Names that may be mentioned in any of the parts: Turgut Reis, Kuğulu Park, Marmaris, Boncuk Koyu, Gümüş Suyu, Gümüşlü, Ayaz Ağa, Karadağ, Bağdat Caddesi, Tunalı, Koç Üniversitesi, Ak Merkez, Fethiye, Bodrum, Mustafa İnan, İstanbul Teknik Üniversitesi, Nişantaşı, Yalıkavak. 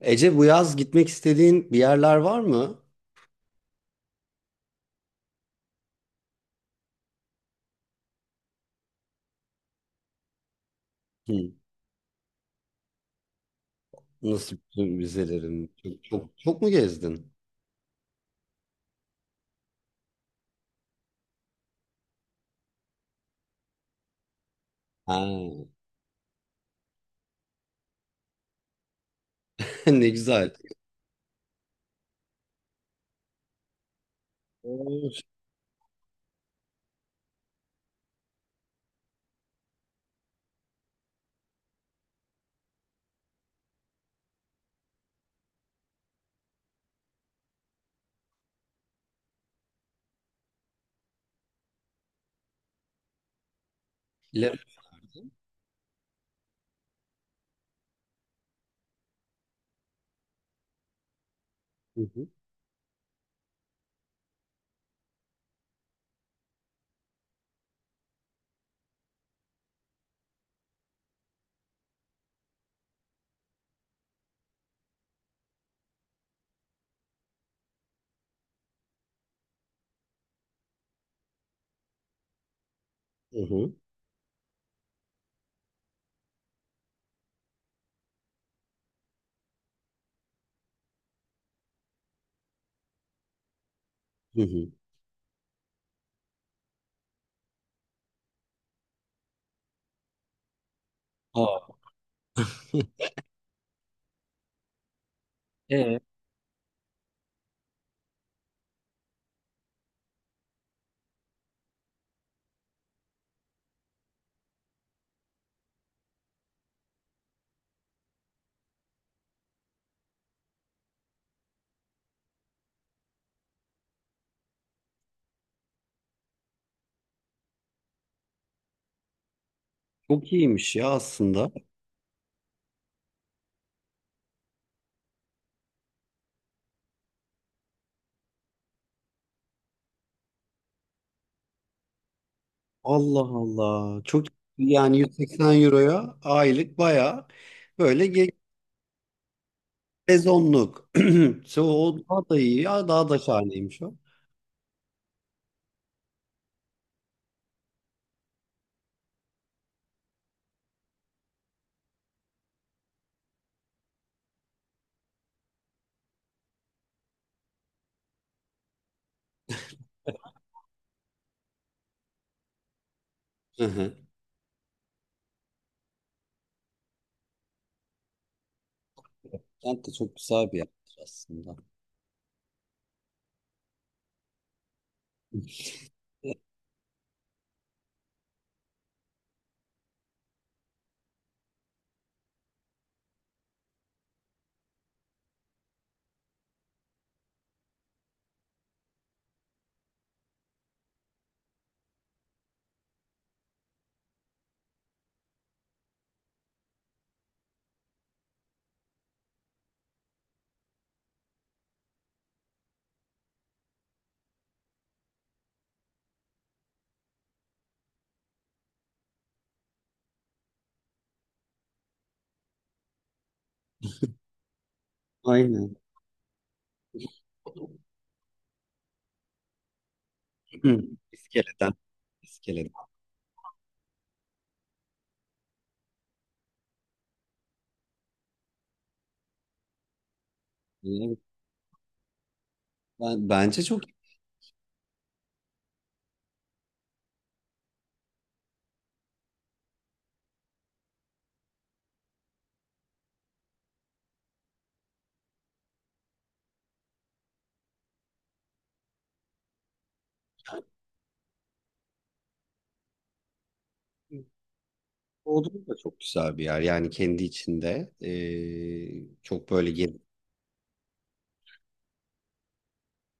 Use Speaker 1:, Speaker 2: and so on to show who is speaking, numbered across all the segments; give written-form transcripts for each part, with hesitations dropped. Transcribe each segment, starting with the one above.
Speaker 1: Ece, bu yaz gitmek istediğin bir yerler var mı? Hı. Nasıl bütün müzelerin? Çok, çok, çok mu gezdin? Ha. Ne güzel. Of. Le- hı hı. Hı hı. Hı hı. Aa. Ee, Çok iyiymiş ya aslında. Allah Allah. Çok iyi. Yani 180 euroya aylık baya böyle ge- sezonluk. So, o daha da iyi ya, daha da şahaneymiş o. Hı hı. Kent de çok güzel bir yer aslında. Aynen. Hı. İskele'den. İskele'den. Yani bence çok Bodrum da çok güzel bir yer. Yani kendi içinde çok böyle gez-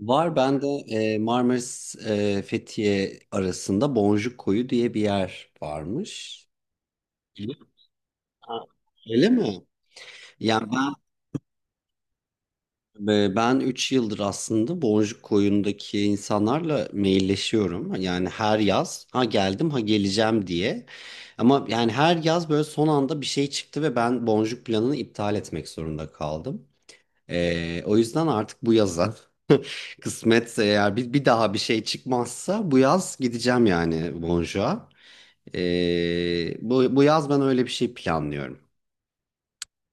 Speaker 1: Var, ben de Marmaris Fethiye arasında Boncuk Koyu diye bir yer varmış. Öyle mi? Öyle mi? Yani ben Ve ben 3 yıldır aslında Boncuk Koyun'daki insanlarla mailleşiyorum. Yani her yaz ha geldim ha geleceğim diye. Ama yani her yaz böyle son anda bir şey çıktı ve ben Boncuk planını iptal etmek zorunda kaldım. O yüzden artık bu yaza kısmetse eğer bir daha bir şey çıkmazsa bu yaz gideceğim yani Boncuk'a. Bu yaz ben öyle bir şey planlıyorum.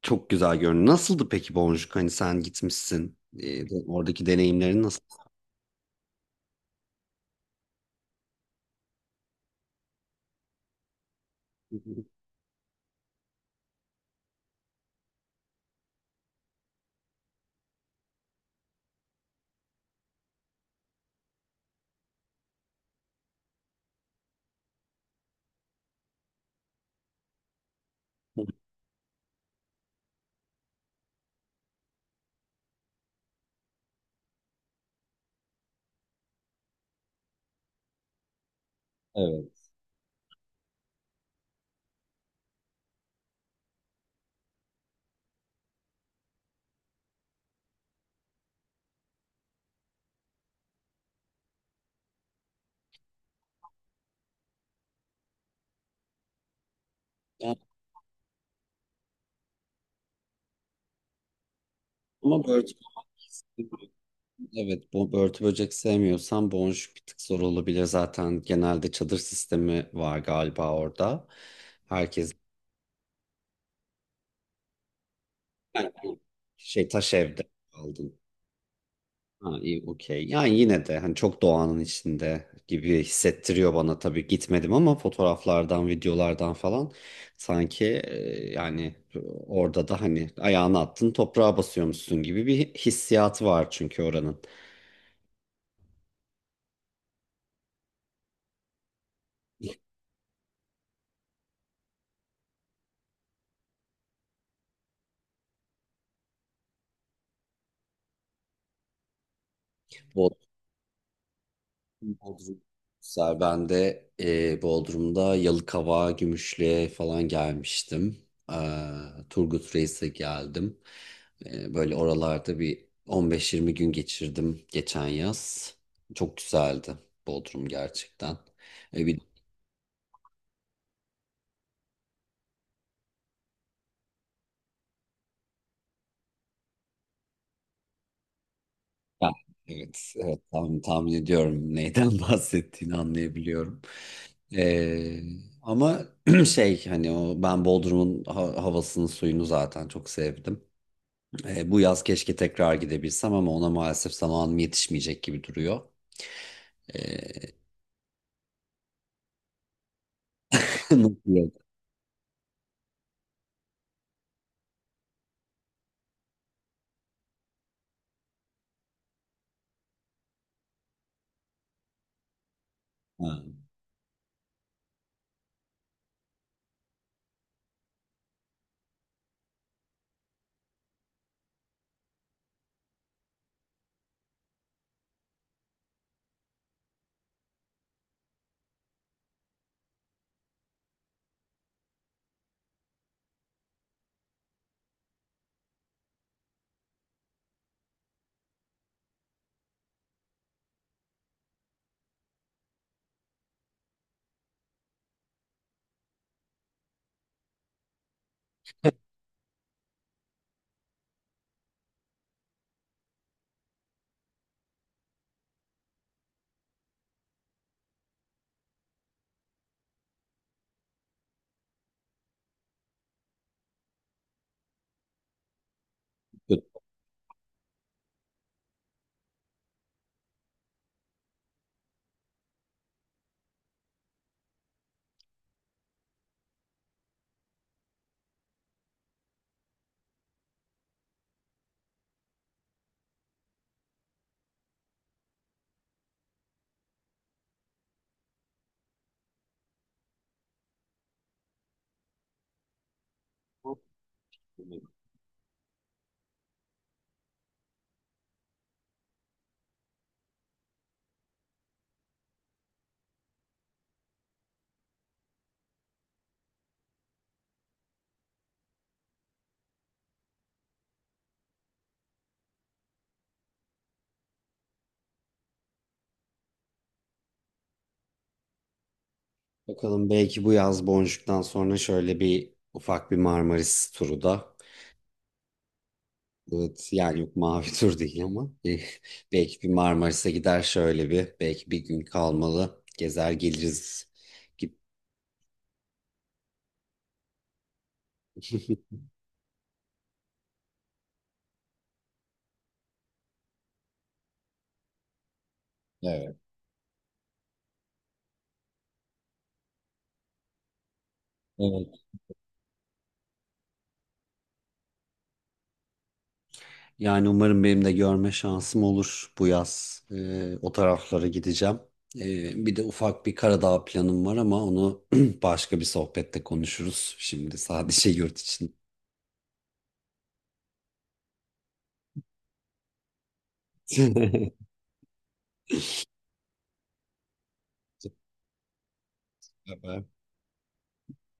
Speaker 1: Çok güzel görünüyor. Nasıldı peki Boncuk? Hani sen gitmişsin. De- oradaki deneyimlerin. Hı hı. Evet. Yani ama Börtü, evet, bu börtü böcek sevmiyorsan boncuk bir tık zor olabilir zaten. Genelde çadır sistemi var galiba orada. Herkes yani şey taş evde aldın. Ha, iyi, okey. Yani yine de hani çok doğanın içinde gibi hissettiriyor bana, tabii gitmedim ama fotoğraflardan, videolardan falan sanki yani orada da hani ayağını attın toprağa basıyormuşsun gibi bir hissiyatı var çünkü oranın. Bodrum. Güzel. Ben de Bodrum'da Yalıkavak'a, Gümüşlü'ye falan gelmiştim. Eee, Turgut Reis'e geldim. Böyle oralarda bir 15-20 gün geçirdim geçen yaz. Çok güzeldi Bodrum gerçekten. E, bir, ben- evet, evet tahmin ediyorum neyden bahsettiğini anlayabiliyorum. Eee, Ama şey hani o ben Bodrum'un ha- havasını suyunu zaten çok sevdim. Bu yaz keşke tekrar gidebilsem ama ona maalesef zamanım yetişmeyecek gibi duruyor. E, Nasıl yok? Ha, kötü. Bakalım, belki bu yaz Boncuk'tan sonra şöyle bir ufak bir Marmaris turu da. Evet, yani yok, mavi tur değil ama belki bir Marmaris'e gider şöyle bir, belki bir gün kalmalı gezer geliriz gibi. Evet. Evet. Yani umarım benim de görme şansım olur bu yaz. O taraflara gideceğim. Bir de ufak bir Karadağ planım var ama onu başka bir sohbette konuşuruz. Şimdi sadece yurt için.